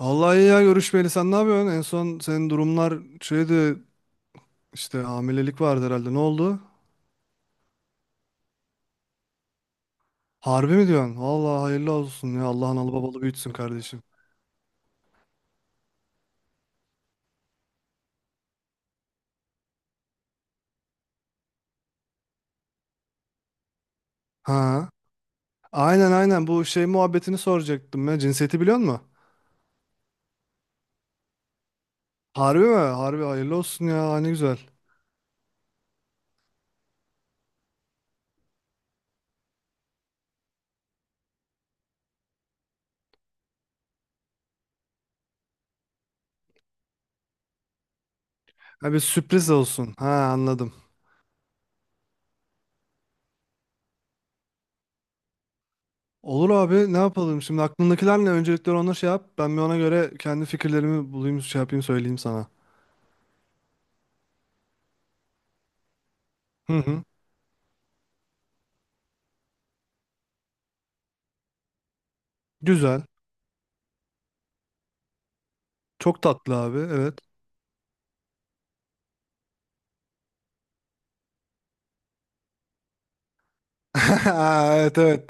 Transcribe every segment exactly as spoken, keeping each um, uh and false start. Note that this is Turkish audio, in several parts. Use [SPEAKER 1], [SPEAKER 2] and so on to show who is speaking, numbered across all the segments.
[SPEAKER 1] Vallahi iyi ya görüşmeyeli sen ne yapıyorsun? En son senin durumlar şeydi işte hamilelik vardı herhalde ne oldu? Harbi mi diyorsun? Vallahi hayırlı olsun ya Allah analı babalı büyütsün kardeşim. Ha. Aynen aynen, bu şey muhabbetini soracaktım ya, cinsiyeti biliyor musun? Harbi mi? Harbi hayırlı olsun ya, ne güzel. Ha, bir sürpriz olsun. Ha, anladım. Olur abi, ne yapalım şimdi, aklındakiler ne? Öncelikle onu şey yap. Ben bir ona göre kendi fikirlerimi bulayım, şey yapayım, söyleyeyim sana. Hı hı. Güzel. Çok tatlı abi, evet. Evet evet.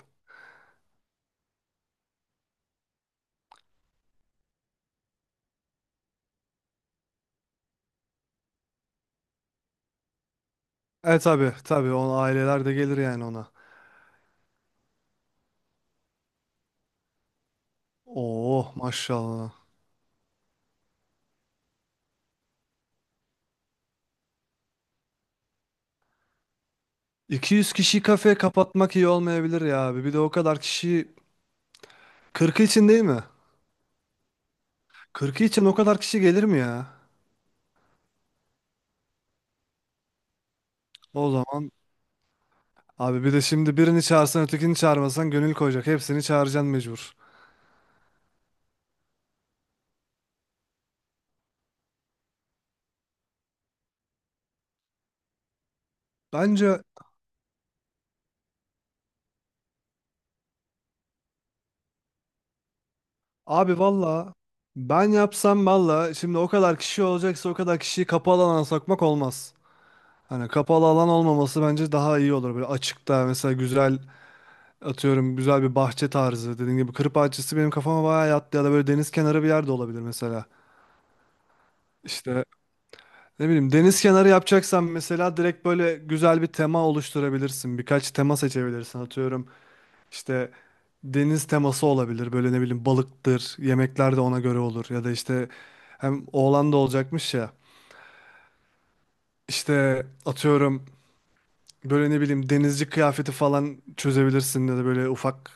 [SPEAKER 1] Evet tabi tabii, o aileler de gelir yani ona. Oo maşallah. iki yüz kişi kafe kapatmak iyi olmayabilir ya abi. Bir de o kadar kişi kırk için değil mi? kırk için o kadar kişi gelir mi ya? O zaman abi, bir de şimdi birini çağırsan ötekini çağırmasan gönül koyacak. Hepsini çağıracaksın mecbur. Bence abi valla, ben yapsam valla şimdi, o kadar kişi olacaksa o kadar kişiyi kapalı alana sokmak olmaz. Hani kapalı alan olmaması bence daha iyi olur. Böyle açıkta mesela güzel, atıyorum güzel bir bahçe tarzı, dediğin gibi kır bahçesi benim kafama bayağı yattı, ya da böyle deniz kenarı bir yerde olabilir mesela. İşte ne bileyim, deniz kenarı yapacaksan mesela direkt böyle güzel bir tema oluşturabilirsin. Birkaç tema seçebilirsin, atıyorum işte deniz teması olabilir, böyle ne bileyim balıktır, yemekler de ona göre olur, ya da işte hem oğlan da olacakmış ya, işte atıyorum böyle ne bileyim denizci kıyafeti falan çözebilirsin, ya da böyle ufak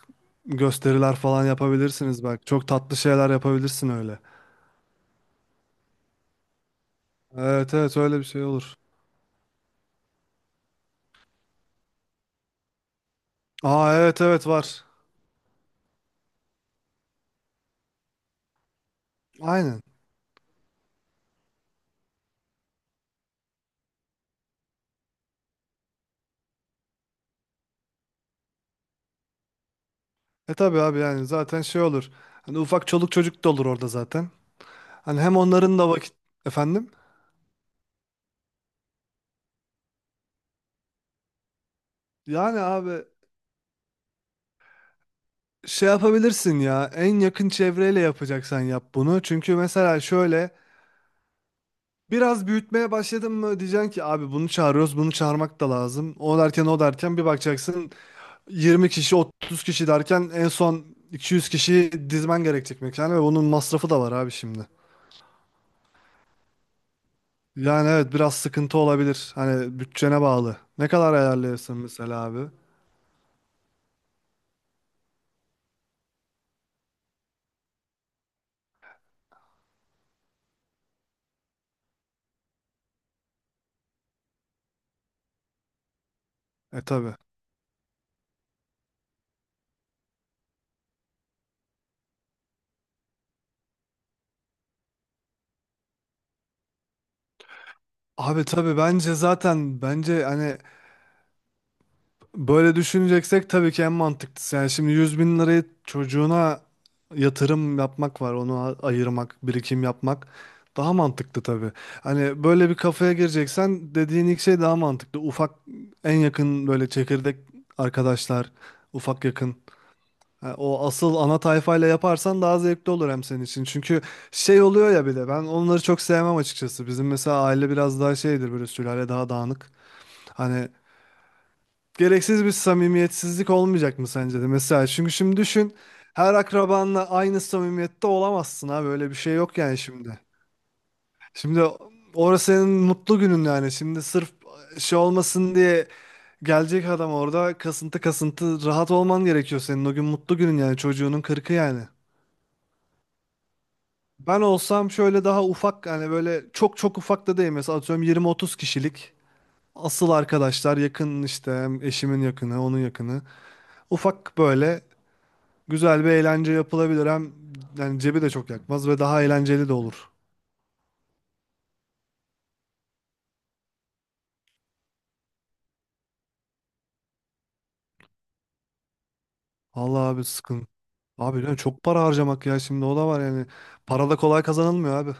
[SPEAKER 1] gösteriler falan yapabilirsiniz belki. Çok tatlı şeyler yapabilirsin öyle. Evet evet, öyle bir şey olur. Aa evet evet, var. Aynen. E tabii abi, yani zaten şey olur. Hani ufak çoluk çocuk da olur orada zaten. Hani hem onların da vakit efendim. Yani abi şey yapabilirsin ya, en yakın çevreyle yapacaksan yap bunu. Çünkü mesela şöyle, biraz büyütmeye başladın mı diyeceksin ki abi bunu çağırıyoruz, bunu çağırmak da lazım. O derken o derken bir bakacaksın, yirmi kişi otuz kişi derken en son iki yüz kişi dizmen gerekecek mekana, ve bunun masrafı da var abi şimdi. Yani evet, biraz sıkıntı olabilir, hani bütçene bağlı. Ne kadar ayarlayırsın mesela abi? E tabi. Abi tabi, bence zaten bence hani böyle düşüneceksek tabii ki en mantıklısı. Yani şimdi yüz bin lirayı çocuğuna yatırım yapmak var, onu a- ayırmak, birikim yapmak daha mantıklı tabii. Hani böyle bir kafaya gireceksen dediğin ilk şey daha mantıklı. Ufak, en yakın böyle çekirdek arkadaşlar, ufak yakın. Ha, o asıl ana tayfayla yaparsan daha zevkli olur, hem senin için. Çünkü şey oluyor ya, bir de ben onları çok sevmem açıkçası. Bizim mesela aile biraz daha şeydir, böyle sülale daha dağınık. Hani gereksiz bir samimiyetsizlik olmayacak mı sence de? Mesela çünkü şimdi düşün, her akrabanla aynı samimiyette olamazsın abi, öyle bir şey yok yani şimdi. Şimdi orası senin mutlu günün, yani şimdi sırf şey olmasın diye gelecek adam orada kasıntı kasıntı, rahat olman gerekiyor senin, o gün mutlu günün yani, çocuğunun kırkı yani. Ben olsam şöyle daha ufak, yani böyle çok çok ufak da değil, mesela atıyorum yirmi otuz kişilik asıl arkadaşlar, yakın işte, hem eşimin yakını onun yakını, ufak böyle güzel bir eğlence yapılabilir, hem yani cebi de çok yakmaz ve daha eğlenceli de olur. Allah abi sıkın. Abi yani çok para harcamak ya, şimdi o da var yani. Para da kolay kazanılmıyor abi.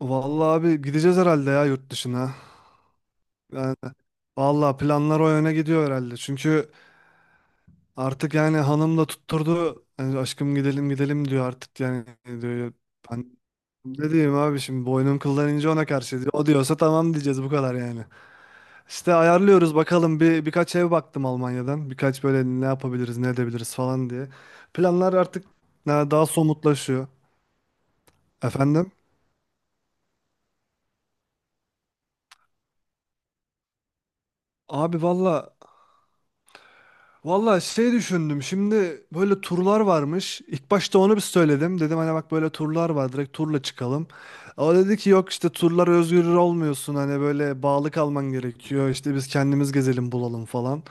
[SPEAKER 1] Vallahi abi, gideceğiz herhalde ya yurt dışına. Yani vallahi planlar o yöne gidiyor herhalde. Çünkü artık yani hanım da tutturdu. Yani aşkım gidelim gidelim diyor artık yani, diyor. Ben ne diyeyim abi şimdi, boynum kıldan ince ona karşı, diyor. O diyorsa tamam diyeceğiz, bu kadar yani. İşte ayarlıyoruz bakalım, bir birkaç ev baktım Almanya'dan. Birkaç böyle ne yapabiliriz, ne edebiliriz falan diye. Planlar artık e, daha somutlaşıyor. Efendim? Abi valla valla şey düşündüm. Şimdi böyle turlar varmış. İlk başta onu bir söyledim. Dedim hani bak böyle turlar var. Direkt turla çıkalım. O dedi ki yok işte turlar, özgür olmuyorsun. Hani böyle bağlı kalman gerekiyor. İşte biz kendimiz gezelim bulalım falan.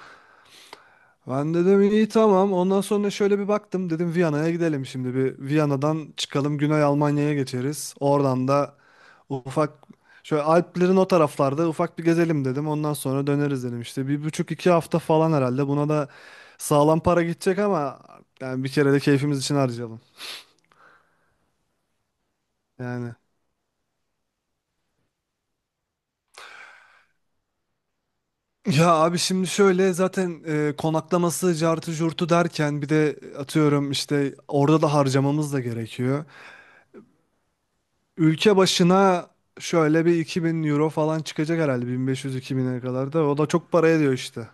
[SPEAKER 1] Ben dedim iyi tamam. Ondan sonra şöyle bir baktım. Dedim Viyana'ya gidelim şimdi. Bir Viyana'dan çıkalım, Güney Almanya'ya geçeriz. Oradan da ufak şöyle Alplerin o taraflarda ufak bir gezelim dedim. Ondan sonra döneriz dedim. İşte bir buçuk iki hafta falan herhalde. Buna da sağlam para gidecek ama, yani bir kere de keyfimiz için harcayalım. Yani. Ya abi şimdi şöyle zaten e, konaklaması cartı curtu derken, bir de atıyorum işte orada da harcamamız da gerekiyor. Ülke başına şöyle bir iki bin euro falan çıkacak herhalde, bin beş yüz, iki bine kadar da. O da çok para ediyor işte.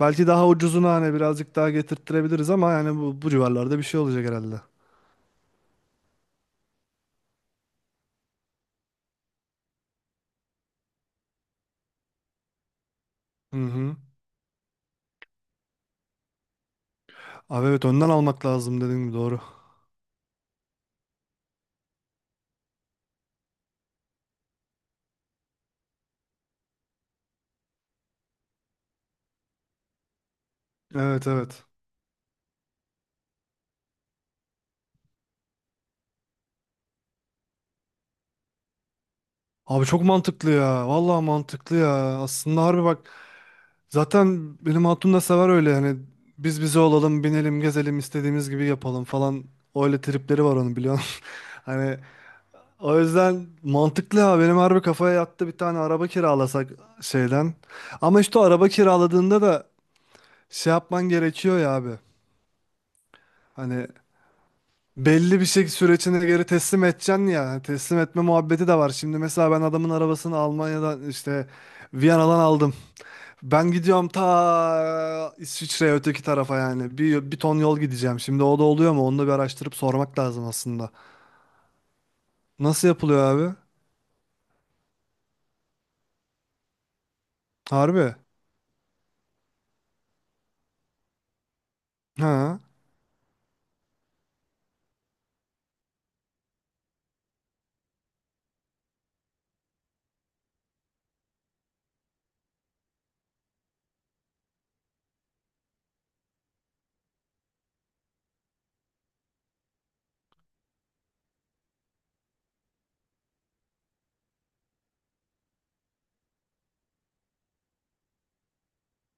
[SPEAKER 1] Belki daha ucuzunu hani birazcık daha getirttirebiliriz, ama yani bu, bu civarlarda bir şey olacak herhalde. Hı hı. Abi evet, önden almak lazım dediğin gibi, doğru. Evet evet. Abi çok mantıklı ya. Vallahi mantıklı ya. Aslında harbi bak. Zaten benim hatun da sever öyle yani. Biz bize olalım, binelim, gezelim, istediğimiz gibi yapalım falan. Öyle tripleri var onun, biliyorsun. Hani o yüzden mantıklı ya, benim harbi kafaya yattı bir tane araba kiralasak şeyden. Ama işte o araba kiraladığında da şey yapman gerekiyor ya abi. Hani belli bir şey sürecine göre teslim edeceksin ya. Hani teslim etme muhabbeti de var. Şimdi mesela ben adamın arabasını Almanya'dan işte Viyana'dan aldım. Ben gidiyorum ta İsviçre'ye öteki tarafa yani. Bir, bir ton yol gideceğim. Şimdi o da oluyor mu? Onu da bir araştırıp sormak lazım aslında. Nasıl yapılıyor abi? Harbi. Ha.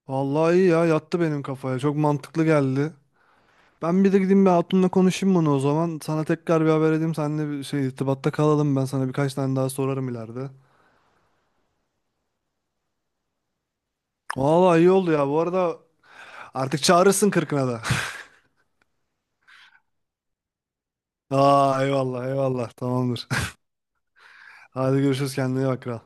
[SPEAKER 1] Vallahi iyi ya, yattı benim kafaya. Çok mantıklı geldi. Ben bir de gideyim bir hatunla konuşayım bunu o zaman. Sana tekrar bir haber edeyim. Seninle bir şey irtibatta kalalım. Ben sana birkaç tane daha sorarım ileride. Vallahi iyi oldu ya. Bu arada artık çağırırsın kırkına da. Aa eyvallah eyvallah. Tamamdır. Hadi görüşürüz, kendine iyi bak kral.